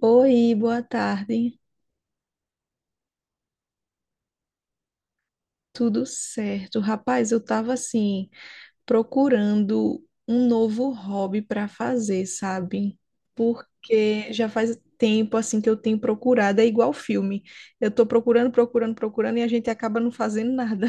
Oi, boa tarde. Tudo certo? Rapaz, eu tava assim, procurando um novo hobby para fazer, sabe? Porque já faz tempo assim que eu tenho procurado, é igual filme. Eu tô procurando, procurando, procurando e a gente acaba não fazendo nada.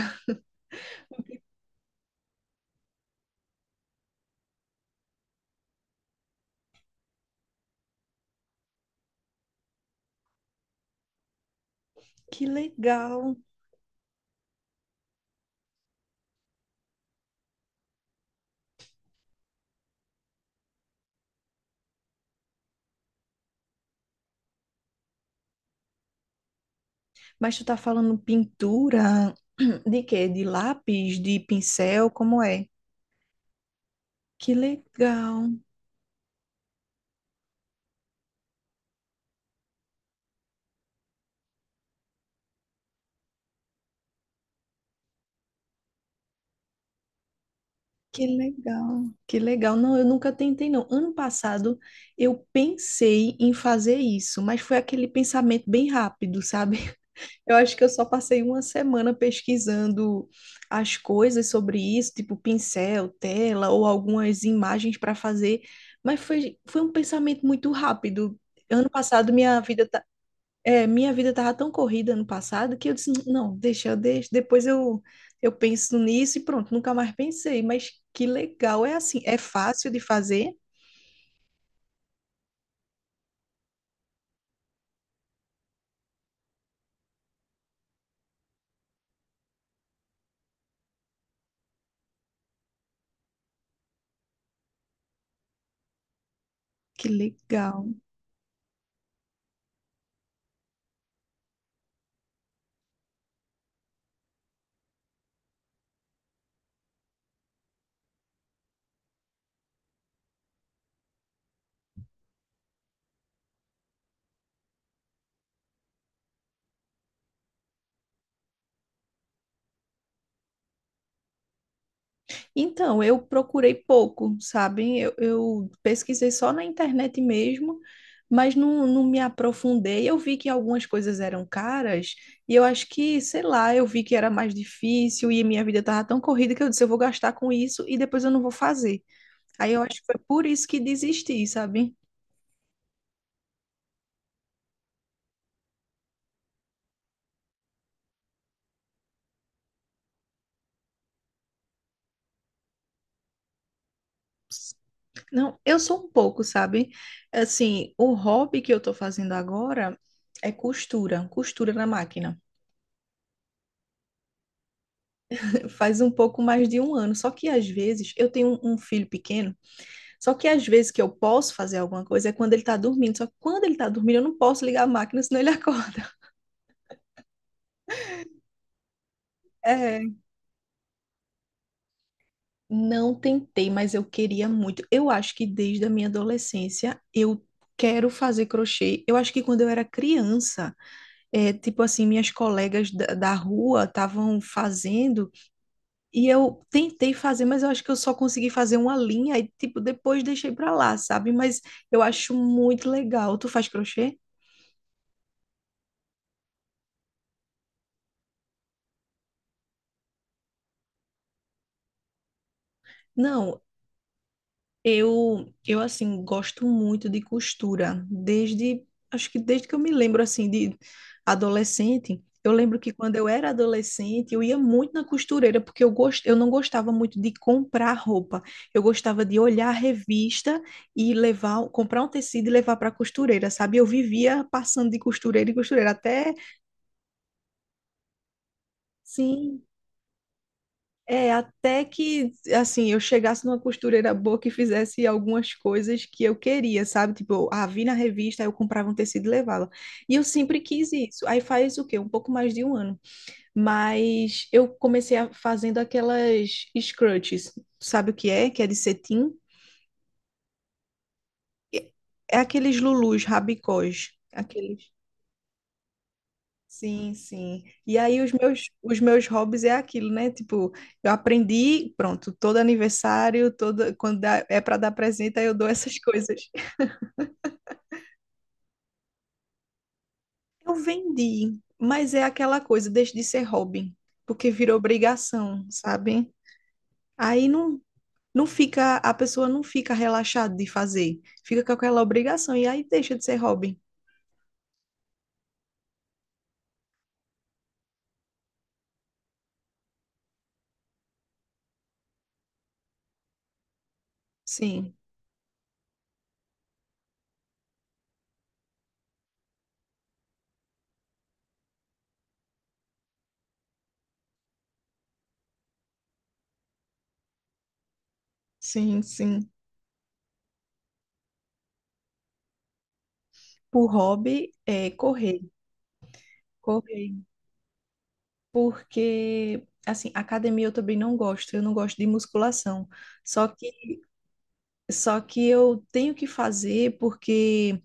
Que legal. Mas tu tá falando pintura de quê? De lápis, de pincel, como é? Que legal. Que legal, que legal. Não, eu nunca tentei, não. Ano passado eu pensei em fazer isso, mas foi aquele pensamento bem rápido, sabe? Eu acho que eu só passei uma semana pesquisando as coisas sobre isso, tipo pincel, tela ou algumas imagens para fazer, mas foi um pensamento muito rápido. Ano passado minha vida tava tão corrida ano passado que eu disse, não, deixa, eu deixo, depois eu penso nisso e pronto, nunca mais pensei, mas que legal, é assim, é fácil de fazer? Que legal. Então, eu procurei pouco, sabe? Eu pesquisei só na internet mesmo, mas não me aprofundei. Eu vi que algumas coisas eram caras e eu acho que, sei lá, eu vi que era mais difícil e minha vida tava tão corrida que eu disse, eu vou gastar com isso e depois eu não vou fazer. Aí eu acho que foi por isso que desisti, sabe? Não, eu sou um pouco, sabe? Assim, o hobby que eu tô fazendo agora é costura, costura na máquina. Faz um pouco mais de um ano. Só que às vezes eu tenho um filho pequeno, só que às vezes que eu posso fazer alguma coisa é quando ele tá dormindo. Só que quando ele tá dormindo, eu não posso ligar a máquina, senão ele acorda. É, não tentei, mas eu queria muito. Eu acho que desde a minha adolescência eu quero fazer crochê. Eu acho que quando eu era criança. Tipo assim, minhas colegas da rua estavam fazendo e eu tentei fazer, mas eu acho que eu só consegui fazer uma linha e, tipo, depois deixei pra lá, sabe? Mas eu acho muito legal. Tu faz crochê? Não, eu assim, gosto muito de costura, desde, acho que desde que eu me lembro, assim, de adolescente. Eu lembro que quando eu era adolescente, eu ia muito na costureira, porque eu, gost... eu não gostava muito de comprar roupa. Eu gostava de olhar a revista e levar, comprar um tecido e levar para a costureira, sabe? Eu vivia passando de costureira em costureira, até, sim. É, até que, assim, eu chegasse numa costureira boa que fizesse algumas coisas que eu queria, sabe? Tipo, ah, vi na revista, aí eu comprava um tecido e levava. E eu sempre quis isso. Aí faz o quê? Um pouco mais de um ano. Mas eu comecei fazendo aquelas scrunchies. Sabe o que é? Que é de cetim. É aqueles lulus, rabicós. Aqueles. Sim, sim. E aí os meus hobbies é aquilo, né? Tipo, eu aprendi, pronto, todo aniversário, todo quando dá- é para dar presente, aí eu dou essas coisas. Eu vendi, mas é aquela coisa, deixa de ser hobby, porque virou obrigação, sabe? Aí não fica, a pessoa não fica relaxada de fazer, fica com aquela obrigação e aí deixa de ser hobby. Sim, sim, sim. O hobby é correr, correr. Porque assim, academia eu também não gosto, eu não gosto de musculação. Só que só que eu tenho que fazer porque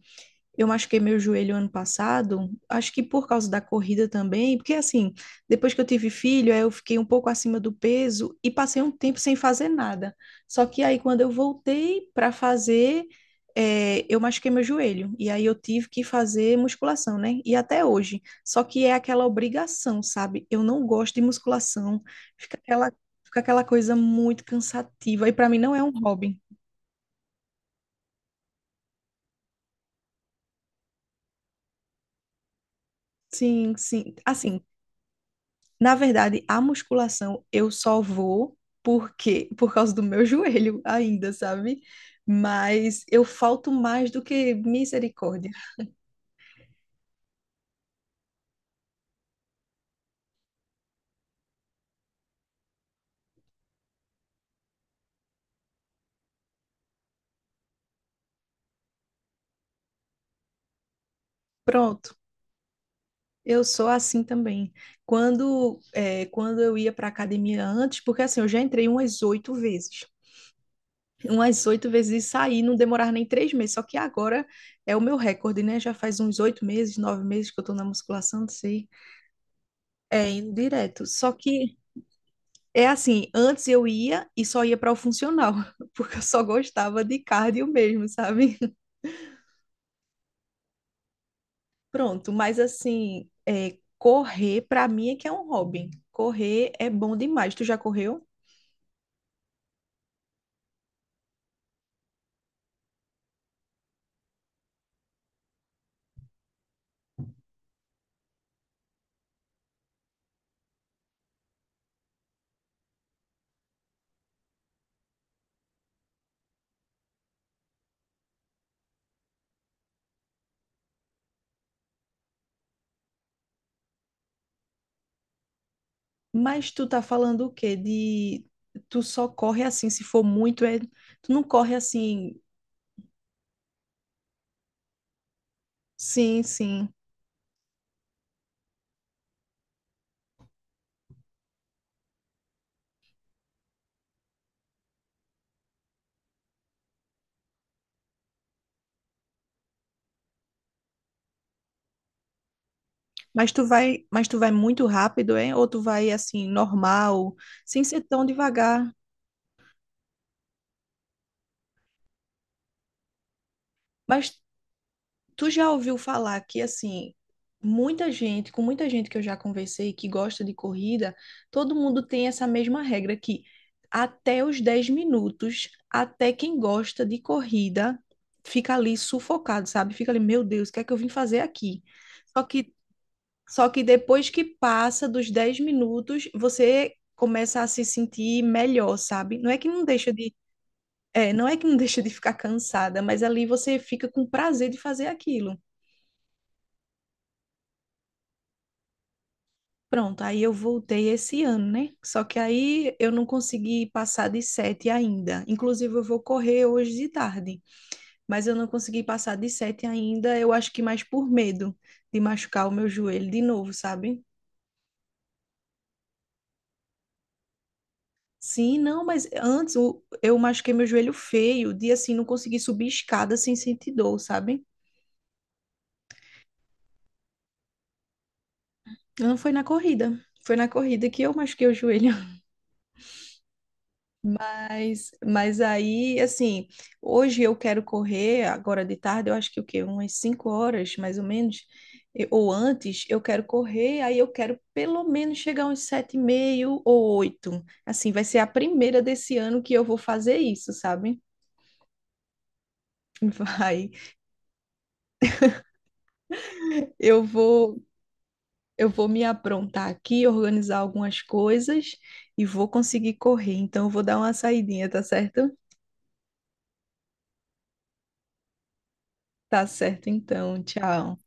eu machuquei meu joelho ano passado, acho que por causa da corrida também, porque assim, depois que eu tive filho, aí eu fiquei um pouco acima do peso e passei um tempo sem fazer nada. Só que aí quando eu voltei para fazer, eu machuquei meu joelho e aí eu tive que fazer musculação, né? E até hoje. Só que é aquela obrigação, sabe? Eu não gosto de musculação, fica aquela, fica aquela coisa muito cansativa e para mim não é um hobby. Sim, sim. Assim, na verdade, a musculação eu só vou porque por causa do meu joelho ainda, sabe? Mas eu falto mais do que misericórdia. Pronto. Eu sou assim também. Quando, é, quando eu ia para academia antes, porque assim, eu já entrei umas oito vezes. Umas oito vezes e saí, não demorava nem 3 meses. Só que agora é o meu recorde, né? Já faz uns 8 meses, 9 meses que eu tô na musculação, não sei. É, indo direto. Só que é assim, antes eu ia e só ia para o funcional, porque eu só gostava de cardio mesmo, sabe? Pronto, mas assim, correr para mim é que é um hobby. Correr é bom demais. Tu já correu? Mas tu tá falando o quê? De Tu só corre assim, se for muito, é... tu não corre assim. Sim, sim. Mas tu vai muito rápido, é? Ou tu vai assim normal, sem ser tão devagar? Mas tu já ouviu falar que, assim, muita gente, com muita gente que eu já conversei que gosta de corrida, todo mundo tem essa mesma regra que até os 10 minutos, até quem gosta de corrida fica ali sufocado, sabe? Fica ali, meu Deus, o que é que eu vim fazer aqui? Só que, só que depois que passa dos 10 minutos, você começa a se sentir melhor, sabe? Não é que não deixa de ficar cansada, mas ali você fica com prazer de fazer aquilo. Pronto, aí eu voltei esse ano, né? Só que aí eu não consegui passar de sete ainda. Inclusive, eu vou correr hoje de tarde, mas eu não consegui passar de sete ainda. Eu acho que mais por medo de machucar o meu joelho de novo, sabe? Sim, não, mas antes eu machuquei meu joelho feio, de assim, não consegui subir escada sem sentir dor, sabe? Não foi na corrida. Foi na corrida que eu machuquei o joelho. Mas aí, assim, hoje eu quero correr, agora de tarde, eu acho que o quê? Umas 5 horas, mais ou menos, e- ou antes, eu quero correr, aí eu quero pelo menos chegar uns sete e meio ou oito. Assim, vai ser a primeira desse ano que eu vou fazer isso, sabe? Vai. Eu vou, eu vou me aprontar aqui, organizar algumas coisas e vou conseguir correr. Então, eu vou dar uma saidinha, tá certo? Tá certo, então. Tchau.